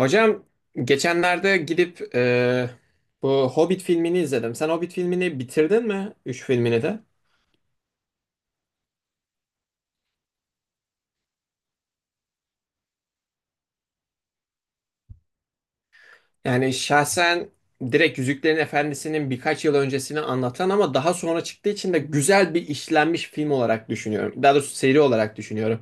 Hocam geçenlerde gidip bu Hobbit filmini izledim. Sen Hobbit filmini bitirdin mi? Üç filmini de. Yani şahsen direkt Yüzüklerin Efendisi'nin birkaç yıl öncesini anlatan ama daha sonra çıktığı için de güzel bir işlenmiş film olarak düşünüyorum. Daha doğrusu seri olarak düşünüyorum.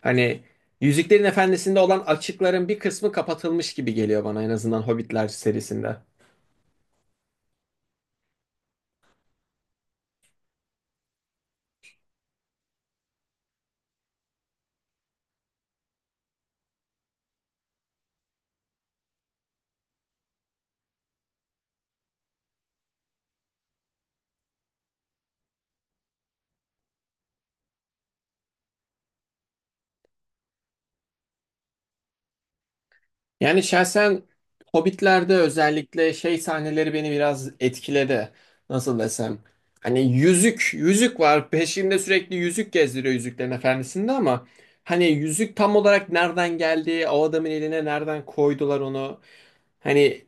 Hani Yüzüklerin Efendisi'nde olan açıkların bir kısmı kapatılmış gibi geliyor bana, en azından Hobbitler serisinde. Yani şahsen Hobbit'lerde özellikle şey sahneleri beni biraz etkiledi. Nasıl desem? Hani yüzük, yüzük var. Peşinde sürekli yüzük gezdiriyor Yüzüklerin Efendisi'nde ama hani yüzük tam olarak nereden geldi? O adamın eline nereden koydular onu? Hani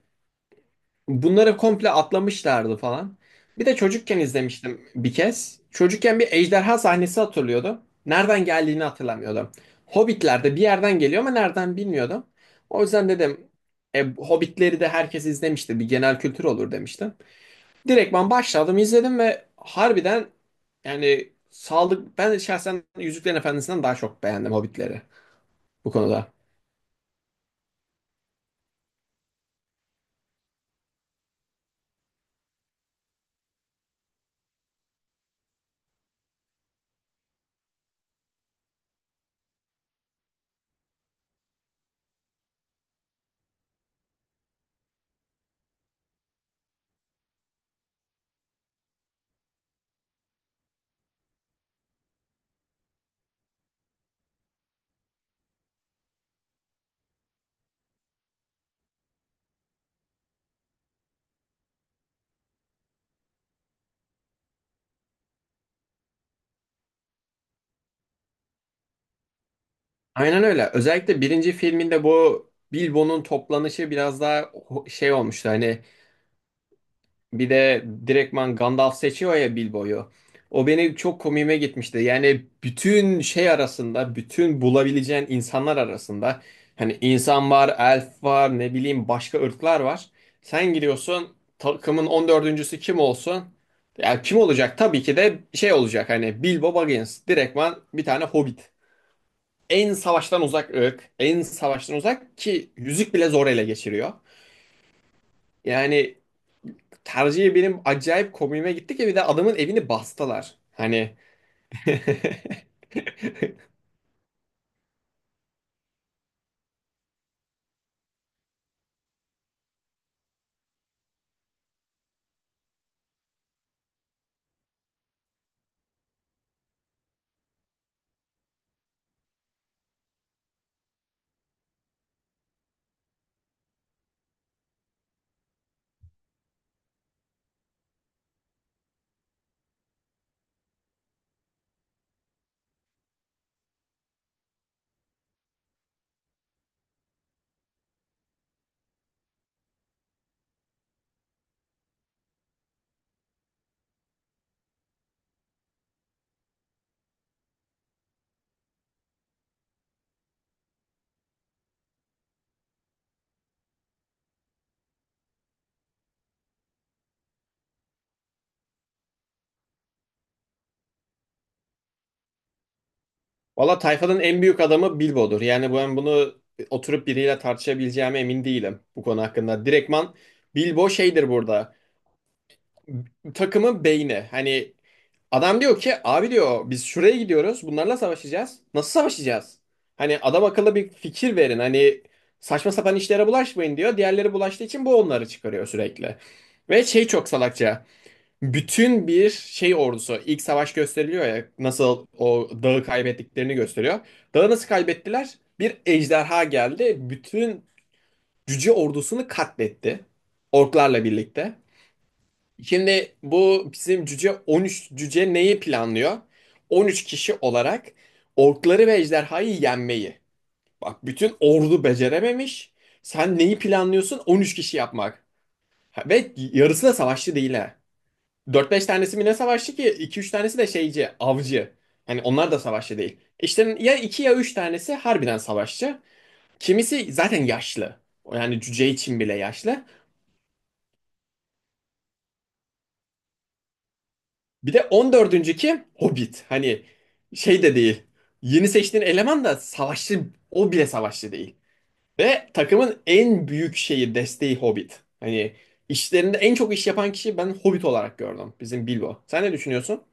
bunları komple atlamışlardı falan. Bir de çocukken izlemiştim bir kez. Çocukken bir ejderha sahnesi hatırlıyordu. Nereden geldiğini hatırlamıyordum. Hobbitler'de bir yerden geliyor ama nereden bilmiyordum. O yüzden dedim Hobbitleri de herkes izlemiştir, bir genel kültür olur demiştim. Direktman başladım izledim ve harbiden yani saldık. Ben şahsen Yüzüklerin Efendisi'nden daha çok beğendim Hobbitleri, bu konuda. Aynen öyle. Özellikle birinci filminde bu Bilbo'nun toplanışı biraz daha şey olmuştu. Hani bir de direktman Gandalf seçiyor ya Bilbo'yu. O beni çok komiğime gitmişti. Yani bütün şey arasında, bütün bulabileceğin insanlar arasında hani insan var, elf var, ne bileyim başka ırklar var. Sen giriyorsun takımın 14'üncüsü kim olsun? Ya kim olacak? Tabii ki de şey olacak, hani Bilbo Baggins. Direktman bir tane hobbit, en savaştan uzak ırk, en savaştan uzak ki yüzük bile zor ele geçiriyor. Yani tercihi benim acayip komiğime gitti ki bir de adamın evini bastılar. Hani valla tayfanın en büyük adamı Bilbo'dur. Yani ben bunu oturup biriyle tartışabileceğime emin değilim bu konu hakkında. Direktman Bilbo şeydir burada. Takımın beyni. Hani adam diyor ki abi diyor biz şuraya gidiyoruz bunlarla savaşacağız. Nasıl savaşacağız? Hani adam akıllı bir fikir verin, hani saçma sapan işlere bulaşmayın diyor. Diğerleri bulaştığı için bu onları çıkarıyor sürekli. Ve şey çok salakça. Bütün bir şey ordusu, ilk savaş gösteriliyor ya, nasıl o dağı kaybettiklerini gösteriyor. Dağı nasıl kaybettiler? Bir ejderha geldi, bütün cüce ordusunu katletti. Orklarla birlikte. Şimdi bu bizim cüce 13 cüce neyi planlıyor? 13 kişi olarak orkları ve ejderhayı yenmeyi. Bak, bütün ordu becerememiş. Sen neyi planlıyorsun? 13 kişi yapmak. Ha, ve yarısı da savaşçı değil ha. 4-5 tanesi mi ne savaşçı ki? 2-3 tanesi de şeyci, avcı. Hani onlar da savaşçı değil. İşte ya 2 ya 3 tanesi harbiden savaşçı. Kimisi zaten yaşlı. Yani cüce için bile yaşlı. Bir de 14'üncü kim? Hobbit. Hani şey de değil. Yeni seçtiğin eleman da savaşçı, o bile savaşçı değil. Ve takımın en büyük şeyi, desteği Hobbit. Hani işlerinde en çok iş yapan kişi ben Hobbit olarak gördüm. Bizim Bilbo. Sen ne düşünüyorsun?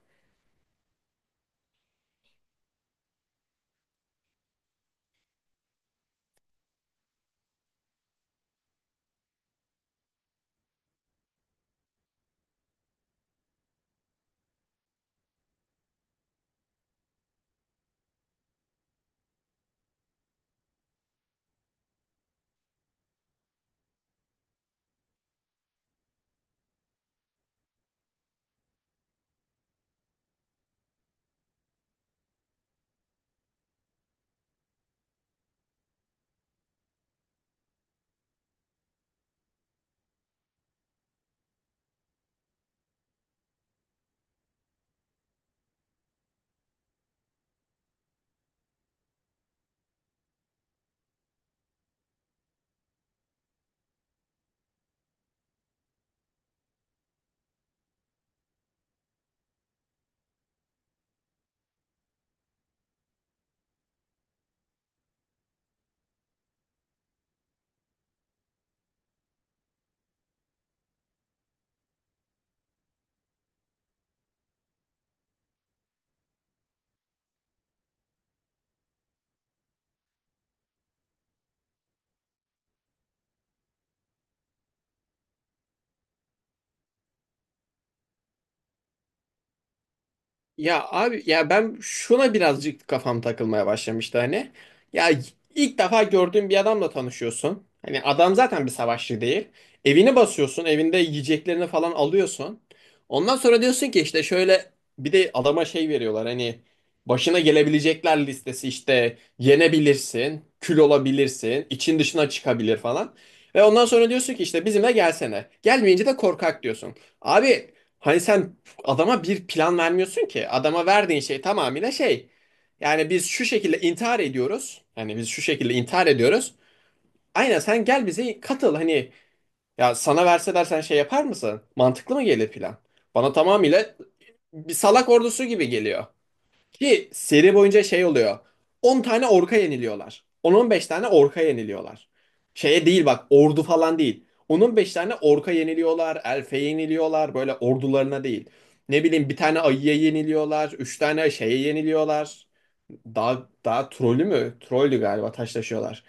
Ya abi ya, ben şuna birazcık kafam takılmaya başlamıştı hani. Ya, ilk defa gördüğün bir adamla tanışıyorsun. Hani adam zaten bir savaşçı değil. Evini basıyorsun, evinde yiyeceklerini falan alıyorsun. Ondan sonra diyorsun ki işte şöyle, bir de adama şey veriyorlar hani, başına gelebilecekler listesi: işte yenebilirsin, kül olabilirsin, için dışına çıkabilir falan. Ve ondan sonra diyorsun ki işte bizimle gelsene. Gelmeyince de korkak diyorsun. Abi hani sen adama bir plan vermiyorsun ki. Adama verdiğin şey tamamıyla şey. Yani biz şu şekilde intihar ediyoruz. Yani biz şu şekilde intihar ediyoruz. Aynen sen gel bize katıl hani, ya sana verseler sen şey yapar mısın? Mantıklı mı gelir plan? Bana tamamıyla bir salak ordusu gibi geliyor. Ki seri boyunca şey oluyor. 10 tane orka yeniliyorlar. 10-15 tane orka yeniliyorlar. Şeye değil bak, ordu falan değil. 10-15 tane orka yeniliyorlar. Elfe yeniliyorlar. Böyle ordularına değil. Ne bileyim bir tane ayıya yeniliyorlar. Üç tane şeye yeniliyorlar. Daha trollü mü? Trollü galiba, taşlaşıyorlar.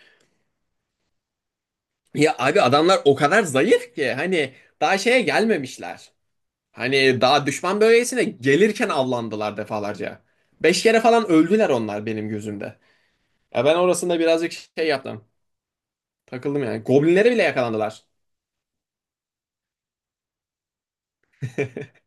Ya abi adamlar o kadar zayıf ki hani daha şeye gelmemişler. Hani daha düşman bölgesine gelirken avlandılar defalarca. 5 kere falan öldüler onlar benim gözümde. Ya ben orasında birazcık şey yaptım. Takıldım yani. Goblinlere bile yakalandılar.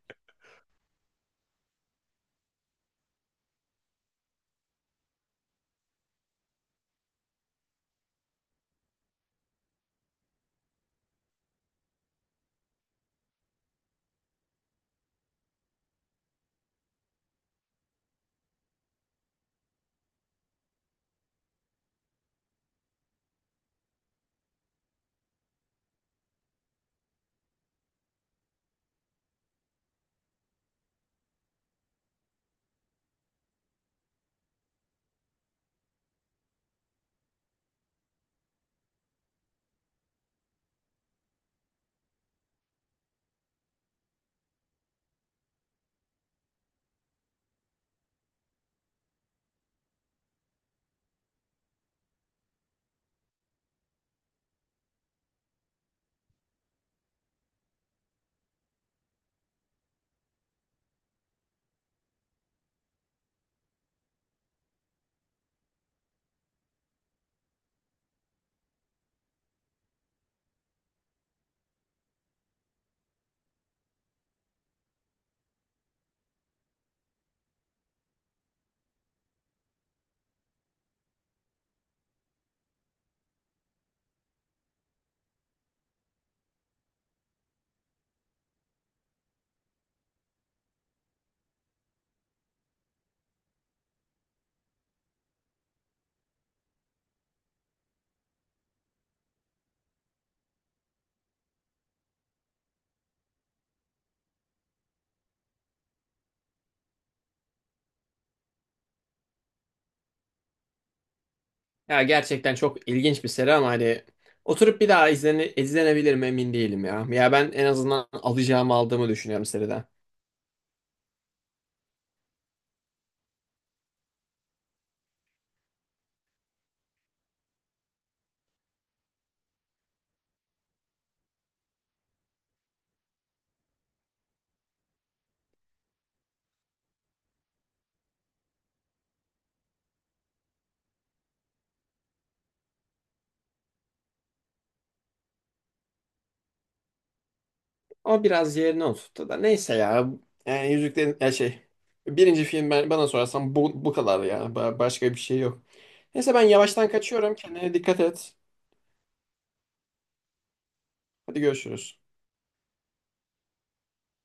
Ya gerçekten çok ilginç bir seri ama hani oturup bir daha izlenebilir mi emin değilim ya. Ya ben en azından alacağımı aldığımı düşünüyorum seriden. Ama biraz yerine oturttu da, neyse ya. Yani Yüzüklerin ya şey. Birinci film ben, bana sorarsan, bu kadar ya. Başka bir şey yok. Neyse ben yavaştan kaçıyorum. Kendine dikkat et. Hadi görüşürüz.